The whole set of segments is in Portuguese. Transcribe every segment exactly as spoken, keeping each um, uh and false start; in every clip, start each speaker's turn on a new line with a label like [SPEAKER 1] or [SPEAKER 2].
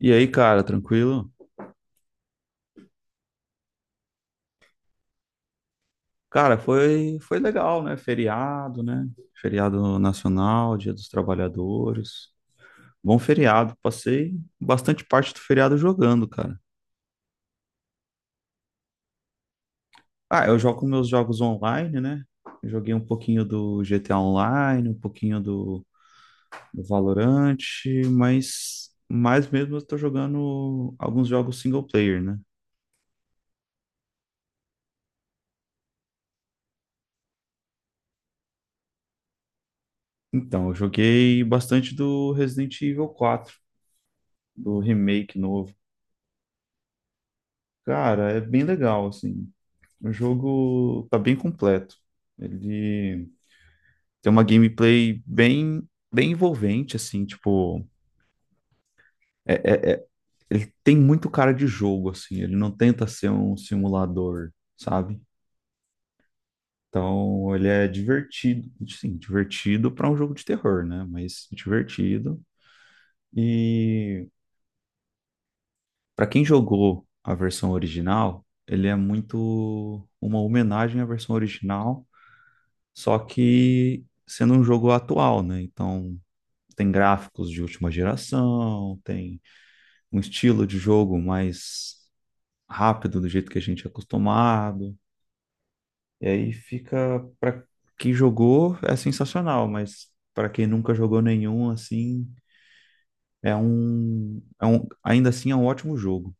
[SPEAKER 1] E aí, cara, tranquilo? Cara, foi, foi legal, né? Feriado, né? Feriado nacional, Dia dos Trabalhadores. Bom feriado. Passei bastante parte do feriado jogando, cara. Ah, eu jogo meus jogos online, né? Eu Joguei um pouquinho do G T A Online, um pouquinho do, do Valorant, mas mais mesmo eu tô jogando alguns jogos single player, né? Então, eu joguei bastante do Resident Evil quatro, do remake novo. Cara, é bem legal, assim. O jogo tá bem completo. Ele tem uma gameplay bem, bem envolvente, assim, tipo, é- é- é- ele tem muito cara de jogo, assim, ele não tenta ser um simulador, sabe? Então, ele é divertido, sim, divertido para um jogo de terror, né? Mas divertido. E para quem jogou a versão original, ele é muito uma homenagem à versão original, só que sendo um jogo atual, né? Então, tem gráficos de última geração, tem um estilo de jogo mais rápido do jeito que a gente é acostumado. E aí fica para quem jogou é sensacional, mas para quem nunca jogou nenhum assim, é um, é um ainda assim é um ótimo jogo.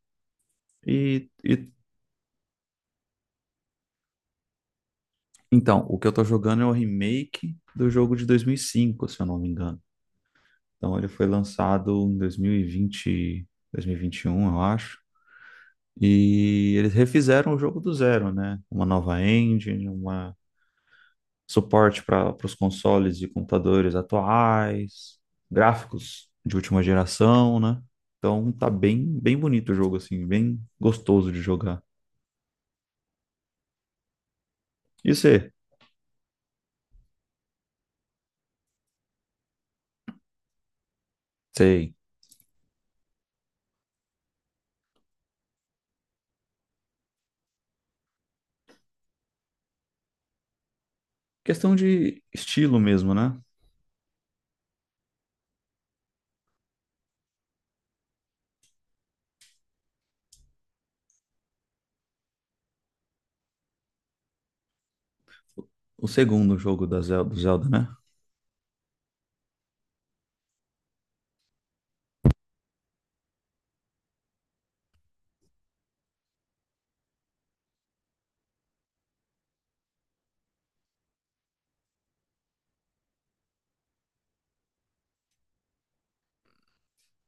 [SPEAKER 1] E, e então, o que eu tô jogando é o remake do jogo de dois mil e cinco, se eu não me engano. Então ele foi lançado em dois mil e vinte, dois mil e vinte e um, eu acho. E eles refizeram o jogo do zero, né? Uma nova engine, uma suporte para os consoles e computadores atuais, gráficos de última geração, né? Então tá bem, bem bonito o jogo, assim, bem gostoso de jogar. E você? Sei. Questão de estilo mesmo, né? O segundo jogo da Zelda, do Zelda, né?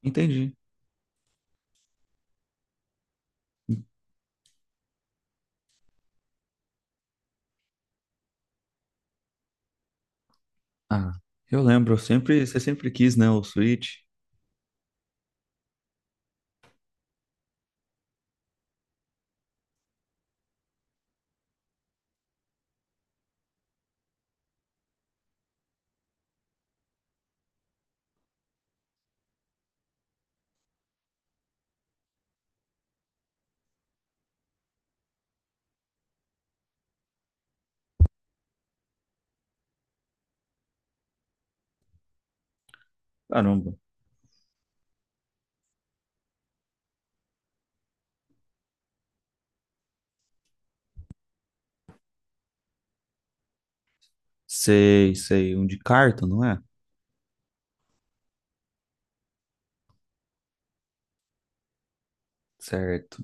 [SPEAKER 1] Entendi. Ah, eu lembro, eu sempre, você sempre quis, né, o Switch. Caramba. Sei, sei, um de carta, não é? Certo,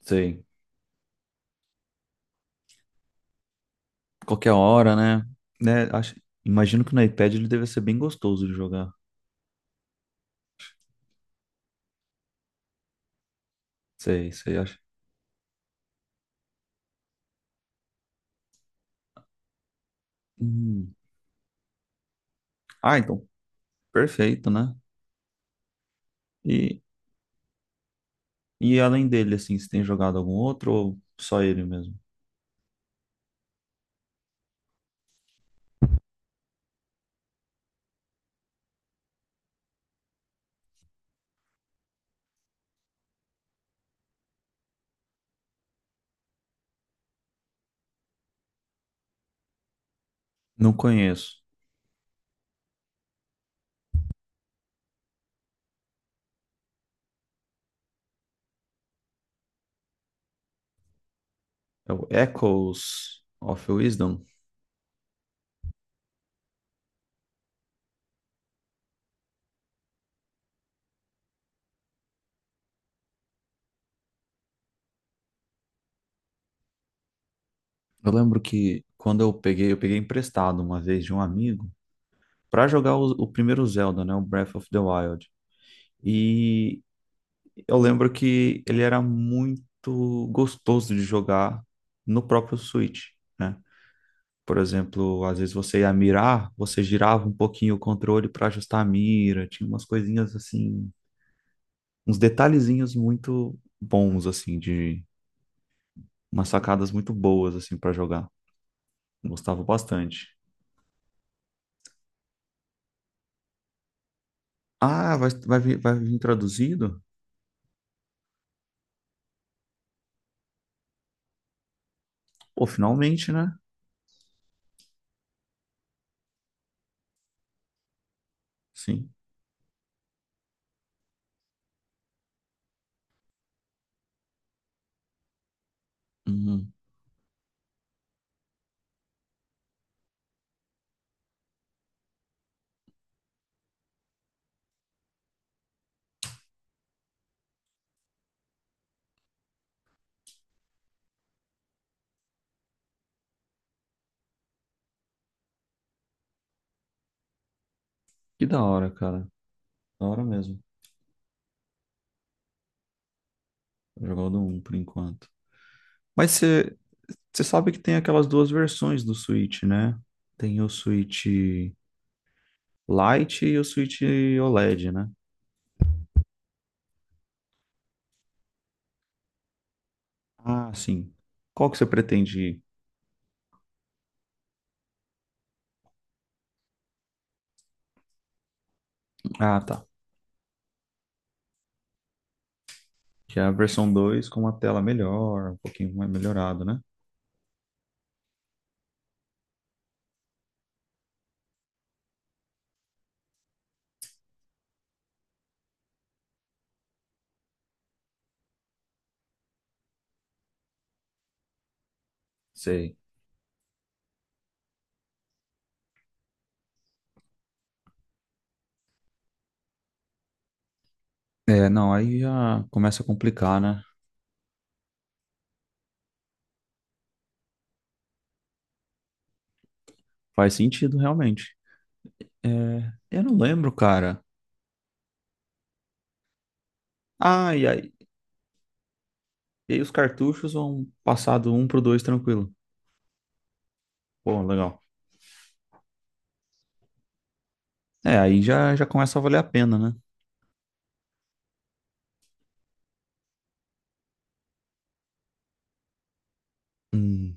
[SPEAKER 1] sei. qualquer hora, né? Né? Acho, imagino que no iPad ele deve ser bem gostoso de jogar. Sei, sei, acho. Hum. Ah, então, perfeito, né? E, e além dele, assim, você tem jogado algum outro ou só ele mesmo? Não conheço. É o Echoes of Wisdom. Eu lembro que quando eu peguei, eu peguei emprestado uma vez de um amigo pra jogar o, o primeiro Zelda, né? O Breath of the Wild. E Eu lembro que ele era muito gostoso de jogar no próprio Switch, né? Por exemplo, às vezes você ia mirar, você girava um pouquinho o controle para ajustar a mira, tinha umas coisinhas assim, uns detalhezinhos muito bons assim de umas sacadas muito boas assim para jogar. Gostava bastante. Ah, vai vai vir, vai vir traduzido? Pô, finalmente, né? Sim. Uhum. Que da hora, cara. Da hora mesmo. Jogar o do um por enquanto. Mas você você sabe que tem aquelas duas versões do Switch, né? Tem o Switch Lite e o Switch OLED, né? Ah, sim. Qual que você pretende? Ah, tá. Que é a versão dois com uma tela melhor, um pouquinho mais melhorado, né? Sei. É, não, aí já começa a complicar, né? Faz sentido, realmente. É, eu não lembro, cara. Ah, e aí, e aí os cartuchos vão passar do um pro dois tranquilo. Pô, legal. É, aí já, já começa a valer a pena, né? Hum.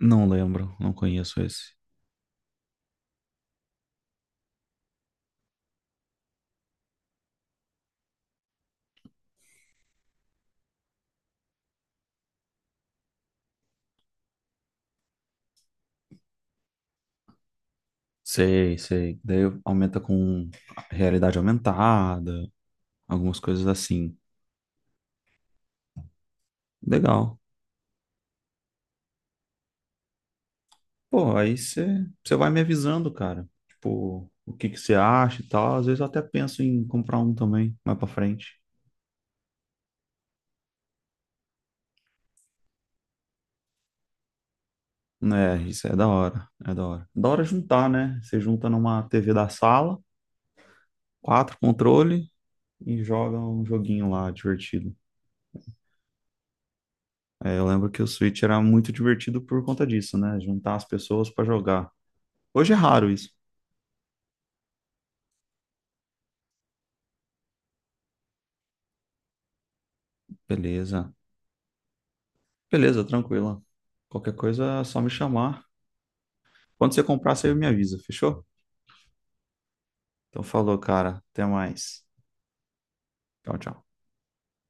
[SPEAKER 1] Não lembro, não conheço esse. Sei, sei. Daí aumenta com realidade aumentada, algumas coisas assim. Legal. Pô, aí você você vai me avisando, cara. Tipo, o que que você acha e tal. Às vezes eu até penso em comprar um também, mais pra frente. Né, isso é da hora, é da hora. Da hora juntar, né? Você junta numa T V da sala, quatro controle e joga um joguinho lá divertido. É, eu lembro que o Switch era muito divertido por conta disso, né? Juntar as pessoas pra jogar. Hoje é raro isso. Beleza. Beleza, tranquilo. Qualquer coisa é só me chamar. Quando você comprar, você me avisa, fechou? Então falou, cara. Até mais. Tchau, tchau.